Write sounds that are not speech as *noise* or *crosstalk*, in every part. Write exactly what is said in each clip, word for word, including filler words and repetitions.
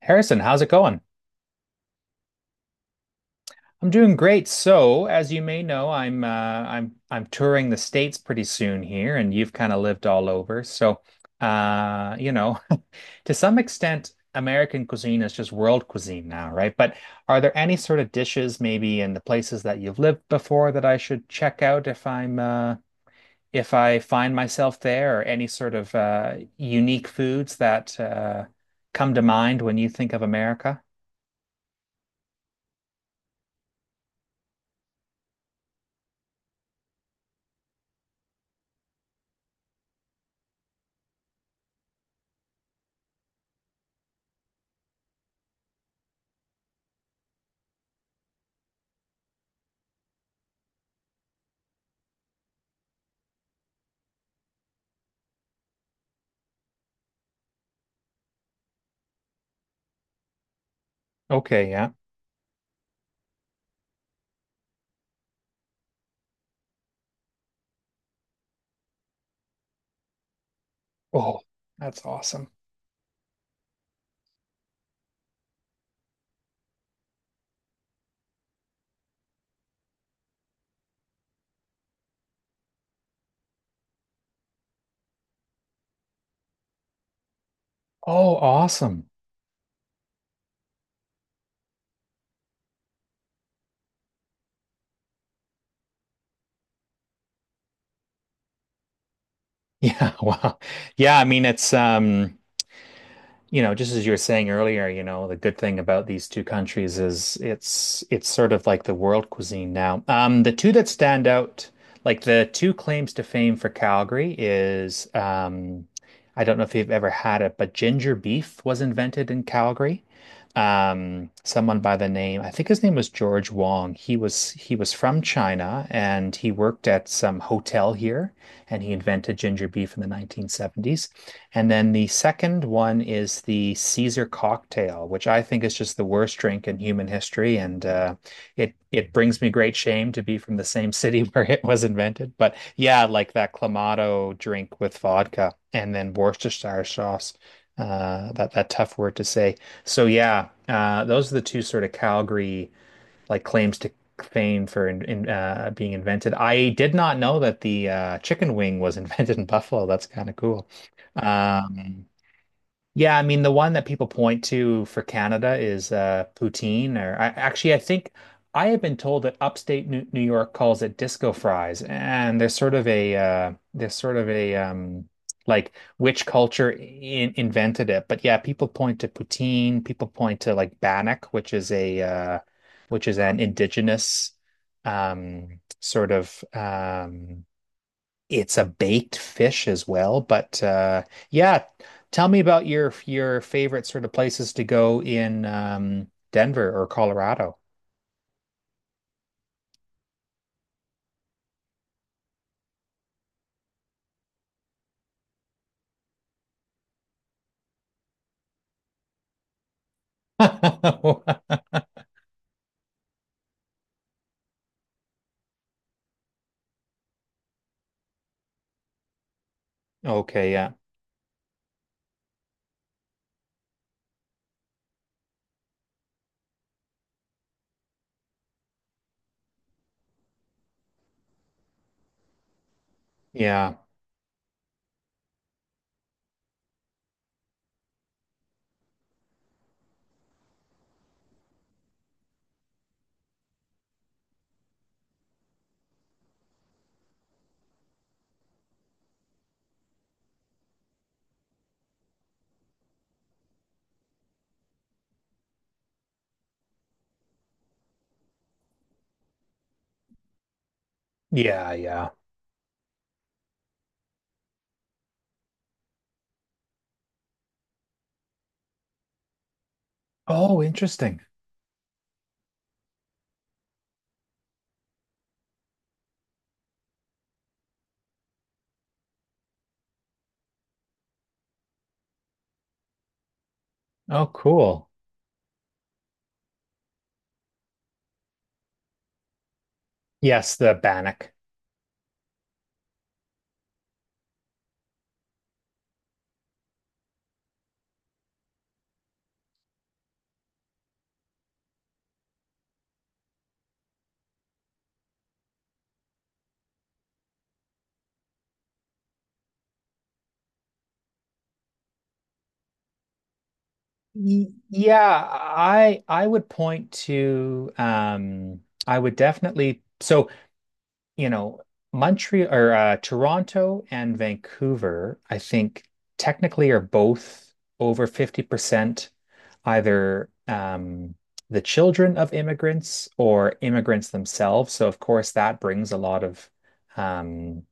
Harrison, how's it going? I'm doing great. So, as you may know, I'm uh, I'm I'm touring the States pretty soon here, and you've kind of lived all over. So, uh, you know, *laughs* to some extent, American cuisine is just world cuisine now, right? But are there any sort of dishes maybe in the places that you've lived before that I should check out if I'm uh, if I find myself there, or any sort of uh, unique foods that uh, come to mind when you think of America. Okay, yeah. Oh, that's awesome. Oh, awesome. Yeah, *laughs* wow. Yeah, I mean it's um you know, just as you were saying earlier, you know, the good thing about these two countries is it's it's sort of like the world cuisine now. Um, the two that stand out, like the two claims to fame for Calgary is um, I don't know if you've ever had it, but ginger beef was invented in Calgary. Um, someone by the name, I think his name was George Wong. He was he was from China and he worked at some hotel here, and he invented ginger beef in the nineteen seventies. And then the second one is the Caesar cocktail, which I think is just the worst drink in human history. And uh, it it brings me great shame to be from the same *laughs* city where it was invented. But yeah, like that Clamato drink with vodka and then Worcestershire sauce. Uh, that that tough word to say. So yeah, uh, those are the two sort of Calgary like claims to fame for in, in, uh, being invented. I did not know that the uh, chicken wing was *laughs* invented in Buffalo. That's kind of cool. Um, yeah, I mean the one that people point to for Canada is uh poutine. Or I, actually I think I have been told that upstate New, New York calls it disco fries, and there's sort of a uh there's sort of a um like which culture in, invented it. But yeah, people point to poutine, people point to like bannock, which is a uh which is an indigenous um sort of um it's a baked fish as well. But uh, yeah, tell me about your your favorite sort of places to go in um, Denver or Colorado. *laughs* Okay, yeah, yeah, yeah, yeah. Oh, interesting. Oh, cool. Yes, the Bannack. Y- Yeah, I I would point to um I would definitely so you know, Montreal or uh, Toronto and Vancouver, I think technically are both over fifty percent, either um, the children of immigrants or immigrants themselves. So, of course, that brings a lot of um,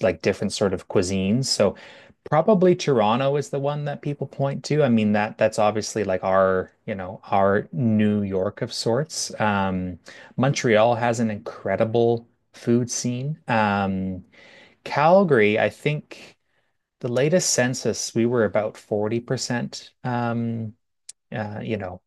like different sort of cuisines. So, probably Toronto is the one that people point to. I mean that that's obviously like our, you know, our New York of sorts. Um, Montreal has an incredible food scene. Um, Calgary, I think the latest census we were about forty percent um, uh, you know,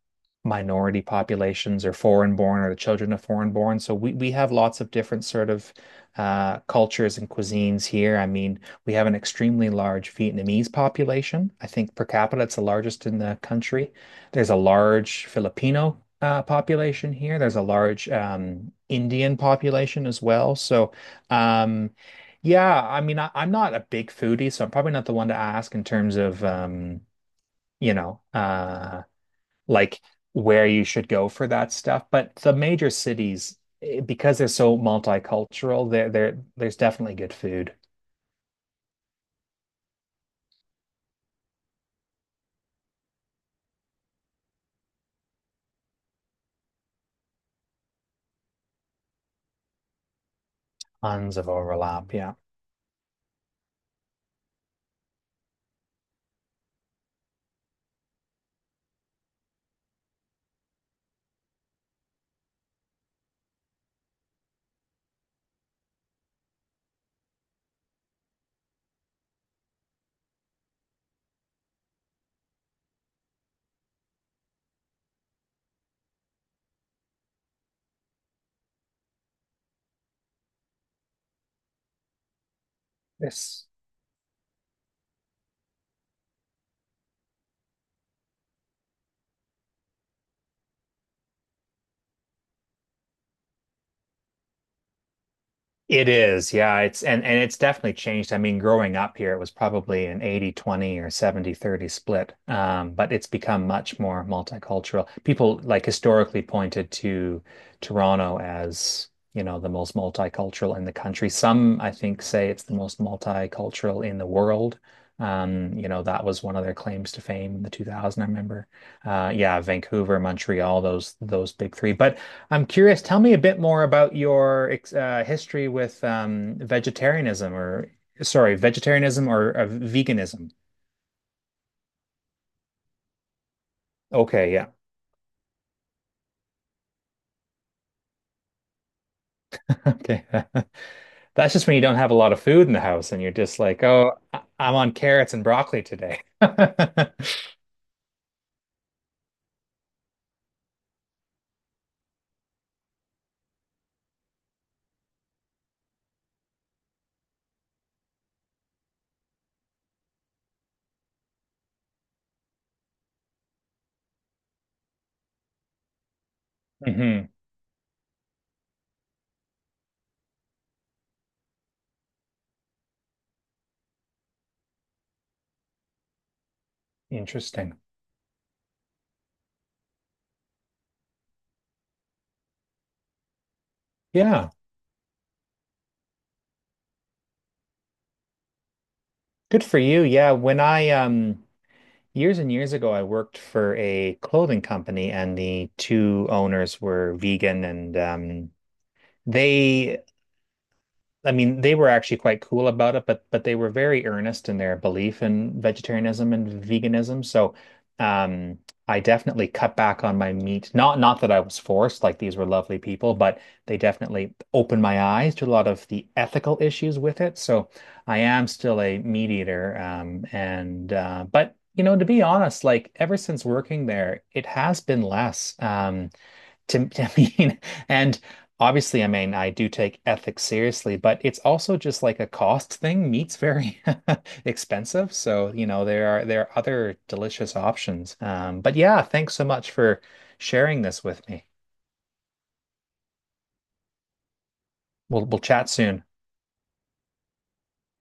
minority populations or foreign born or the children of foreign born. So we, we have lots of different sort of uh, cultures and cuisines here. I mean, we have an extremely large Vietnamese population. I think per capita, it's the largest in the country. There's a large Filipino uh, population here. There's a large um, Indian population as well. So, um, yeah, I mean, I, I'm not a big foodie, so I'm probably not the one to ask in terms of, um, you know, uh, like where you should go for that stuff. But the major cities, eh, because they're so multicultural, there there there's definitely good food. Tons of overlap. Yeah. Yes. It is, yeah. It's and and it's definitely changed. I mean, growing up here, it was probably an eighty twenty or seventy thirty split. Um, but it's become much more multicultural. People like historically pointed to Toronto as, you know, the most multicultural in the country. Some, I think, say it's the most multicultural in the world. Um, you know, that was one of their claims to fame in the two thousands, I remember. Uh, yeah, Vancouver, Montreal, those those big three. But I'm curious, tell me a bit more about your ex- uh, history with um, vegetarianism or, sorry, vegetarianism or uh, veganism. Okay, yeah. *laughs* Okay. *laughs* That's just when you don't have a lot of food in the house and you're just like, oh, I- I'm on carrots and broccoli today. *laughs* hmm Interesting. Yeah. Good for you. Yeah. When I, um, years and years ago, I worked for a clothing company and the two owners were vegan, and, um, they I mean, they were actually quite cool about it, but but they were very earnest in their belief in vegetarianism and veganism. So, um, I definitely cut back on my meat. Not not that I was forced, like these were lovely people, but they definitely opened my eyes to a lot of the ethical issues with it. So, I am still a meat eater, um, and uh, but you know, to be honest, like ever since working there, it has been less. Um, to, I mean, *laughs* and obviously, I mean, I do take ethics seriously, but it's also just like a cost thing. Meat's very *laughs* expensive, so you know there are there are other delicious options. Um, but yeah, thanks so much for sharing this with me. We'll we'll chat soon.